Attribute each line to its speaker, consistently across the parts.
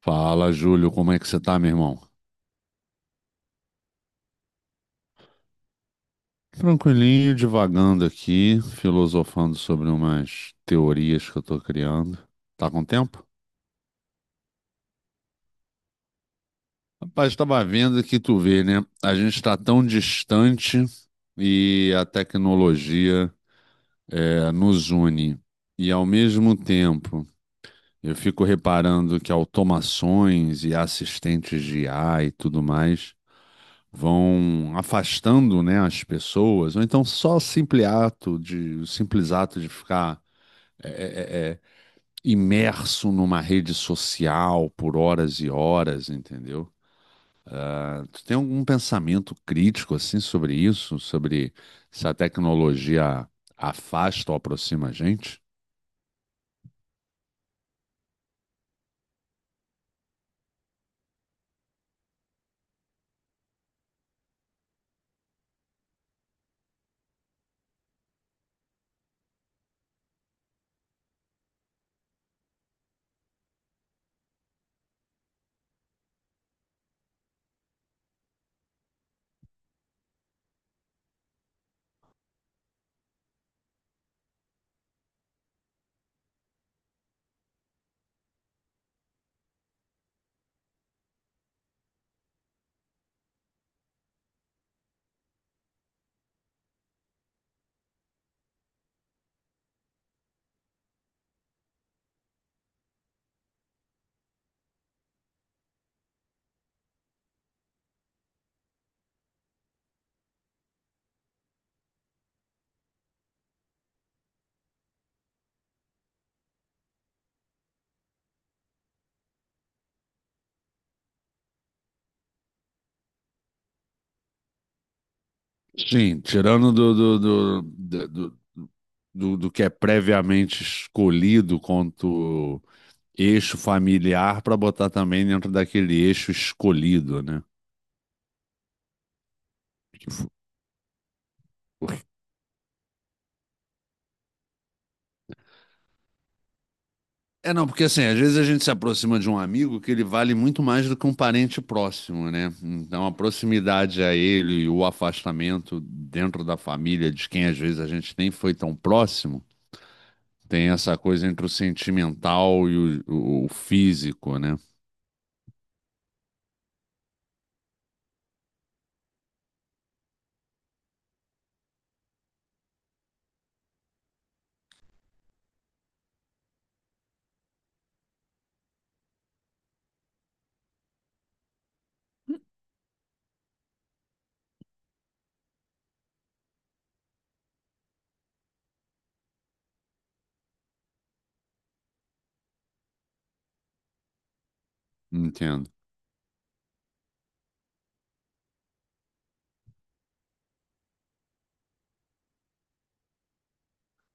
Speaker 1: Fala, Júlio, como é que você tá, meu irmão? Tranquilinho, divagando aqui, filosofando sobre umas teorias que eu tô criando. Tá com tempo? Rapaz, tava vendo que tu vê, né? A gente tá tão distante e a tecnologia nos une. E ao mesmo tempo, eu fico reparando que automações e assistentes de IA e tudo mais vão afastando, né, as pessoas, ou então só o simples o simples ato de ficar imerso numa rede social por horas e horas, entendeu? Tu tem algum pensamento crítico assim sobre isso, sobre se a tecnologia afasta ou aproxima a gente? Sim, tirando do que é previamente escolhido quanto eixo familiar para botar também dentro daquele eixo escolhido, né? É, não, porque assim, às vezes a gente se aproxima de um amigo que ele vale muito mais do que um parente próximo, né? Então a proximidade a ele e o afastamento dentro da família de quem às vezes a gente nem foi tão próximo, tem essa coisa entre o sentimental e o físico, né? Entendo.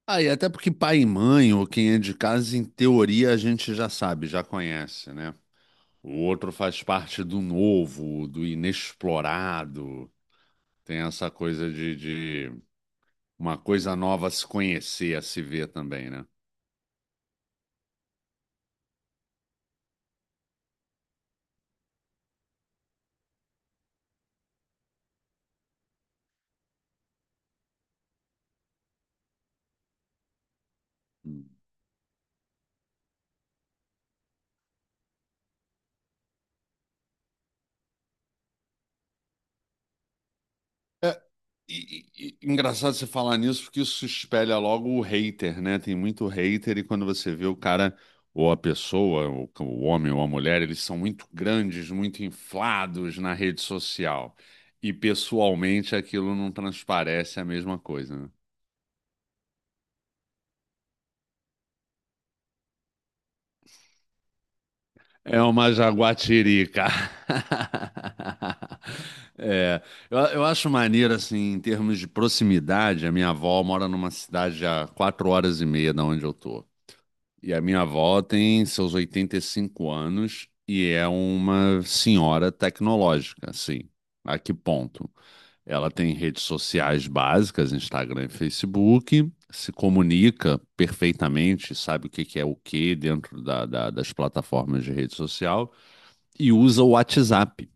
Speaker 1: Ah, e até porque pai e mãe, ou quem é de casa, em teoria a gente já sabe, já conhece, né? O outro faz parte do novo, do inexplorado. Tem essa coisa de uma coisa nova a se conhecer, a se ver também, né? É, engraçado você falar nisso, porque isso espelha logo o hater, né? Tem muito hater, e quando você vê o cara ou a pessoa, o homem ou a mulher, eles são muito grandes, muito inflados na rede social. E pessoalmente aquilo não transparece a mesma coisa, né? É uma jaguatirica. É, eu acho maneiro, assim, em termos de proximidade, a minha avó mora numa cidade a 4 horas e meia da onde eu tô. E a minha avó tem seus 85 anos e é uma senhora tecnológica, assim. A que ponto? Ela tem redes sociais básicas, Instagram e Facebook, se comunica perfeitamente, sabe o que que é o que dentro da- da- das plataformas de rede social e usa o WhatsApp.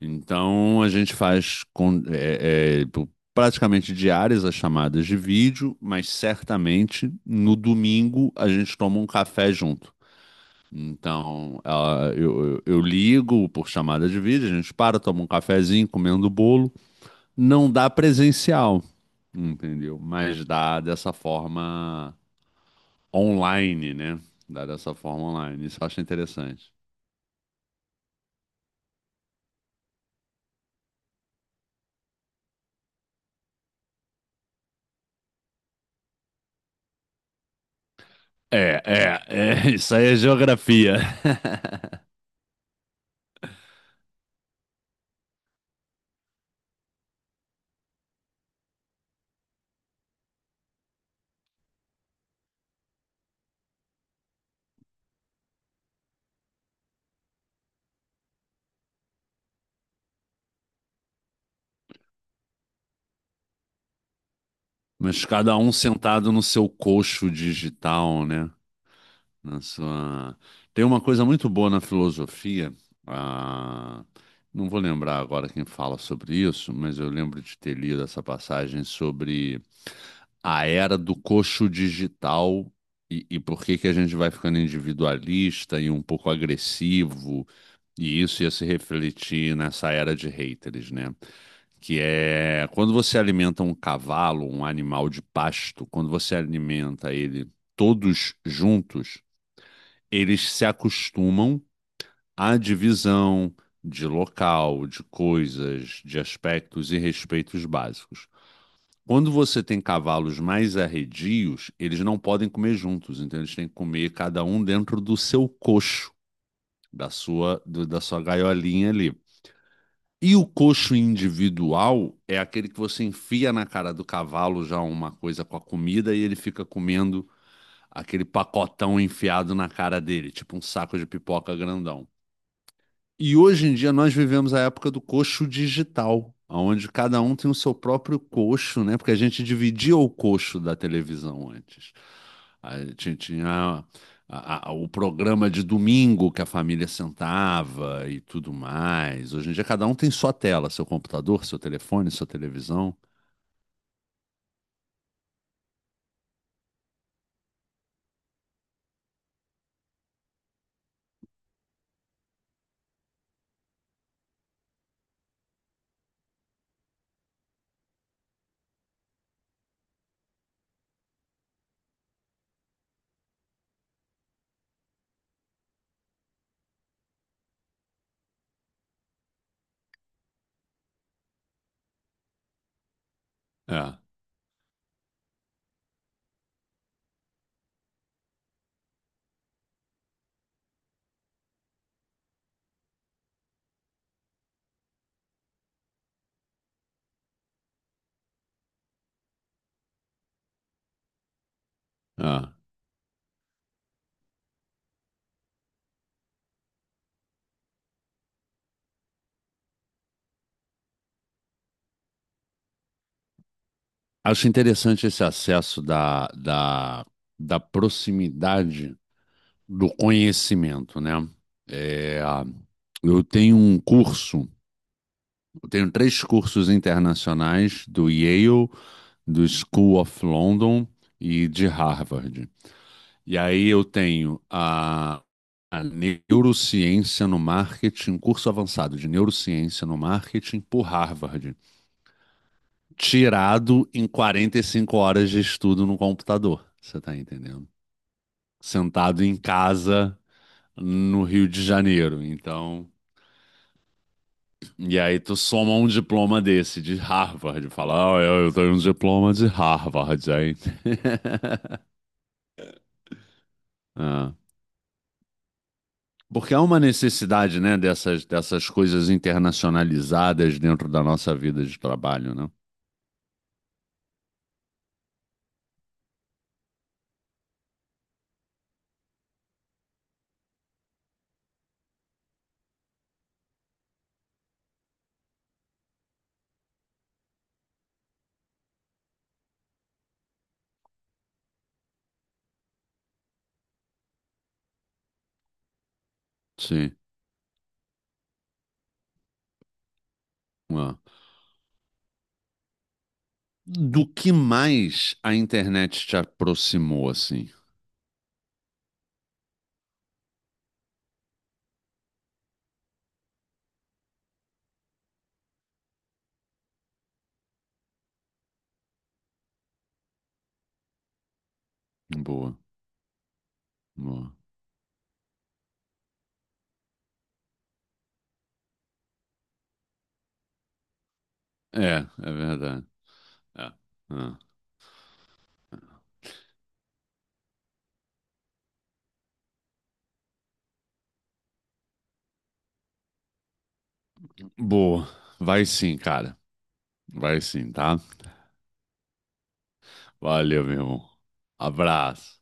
Speaker 1: Então a gente faz com- é, é, praticamente diárias as chamadas de vídeo, mas certamente no domingo a gente toma um café junto. Então eu ligo por chamada de vídeo, a gente para, toma um cafezinho, comendo bolo. Não dá presencial, entendeu? Mas dá dessa forma online, né? Dá dessa forma online. Isso eu acho interessante. É, isso aí é geografia. Mas cada um sentado no seu coxo digital, né? Na sua... Tem uma coisa muito boa na filosofia. ah, Não vou lembrar agora quem fala sobre isso, mas eu lembro de ter lido essa passagem sobre a era do coxo digital e por que que a gente vai ficando individualista e um pouco agressivo, e isso ia se refletir nessa era de haters, né? Que é quando você alimenta um cavalo, um animal de pasto, quando você alimenta ele todos juntos, eles se acostumam à divisão de local, de coisas, de aspectos e respeitos básicos. Quando você tem cavalos mais arredios, eles não podem comer juntos, então eles têm que comer cada um dentro do seu coxo, da sua, da sua gaiolinha ali. E o coxo individual é aquele que você enfia na cara do cavalo já uma coisa com a comida e ele fica comendo aquele pacotão enfiado na cara dele, tipo um saco de pipoca grandão. E hoje em dia nós vivemos a época do coxo digital, onde cada um tem o seu próprio coxo, né? Porque a gente dividia o coxo da televisão antes. A gente tinha o programa de domingo que a família sentava e tudo mais. Hoje em dia cada um tem sua tela, seu computador, seu telefone, sua televisão. É, é. Acho interessante esse acesso da proximidade do conhecimento, né? É, eu tenho um curso, eu tenho três cursos internacionais do Yale, do School of London e de Harvard. E aí eu tenho a neurociência no marketing, um curso avançado de neurociência no marketing por Harvard, tirado em 45 horas de estudo no computador, você tá entendendo? Sentado em casa no Rio de Janeiro. Então, e aí tu soma um diploma desse, de Harvard, fala, ah, eu tenho um diploma de Harvard, hein? Ah. Porque há uma necessidade, né, dessas coisas internacionalizadas dentro da nossa vida de trabalho, né? Sim. Ah. Do que mais a internet te aproximou, assim? Boa, boa. É, é verdade. É. Ah. Boa. Vai sim, cara. Vai sim, tá? Valeu, meu irmão. Abraço.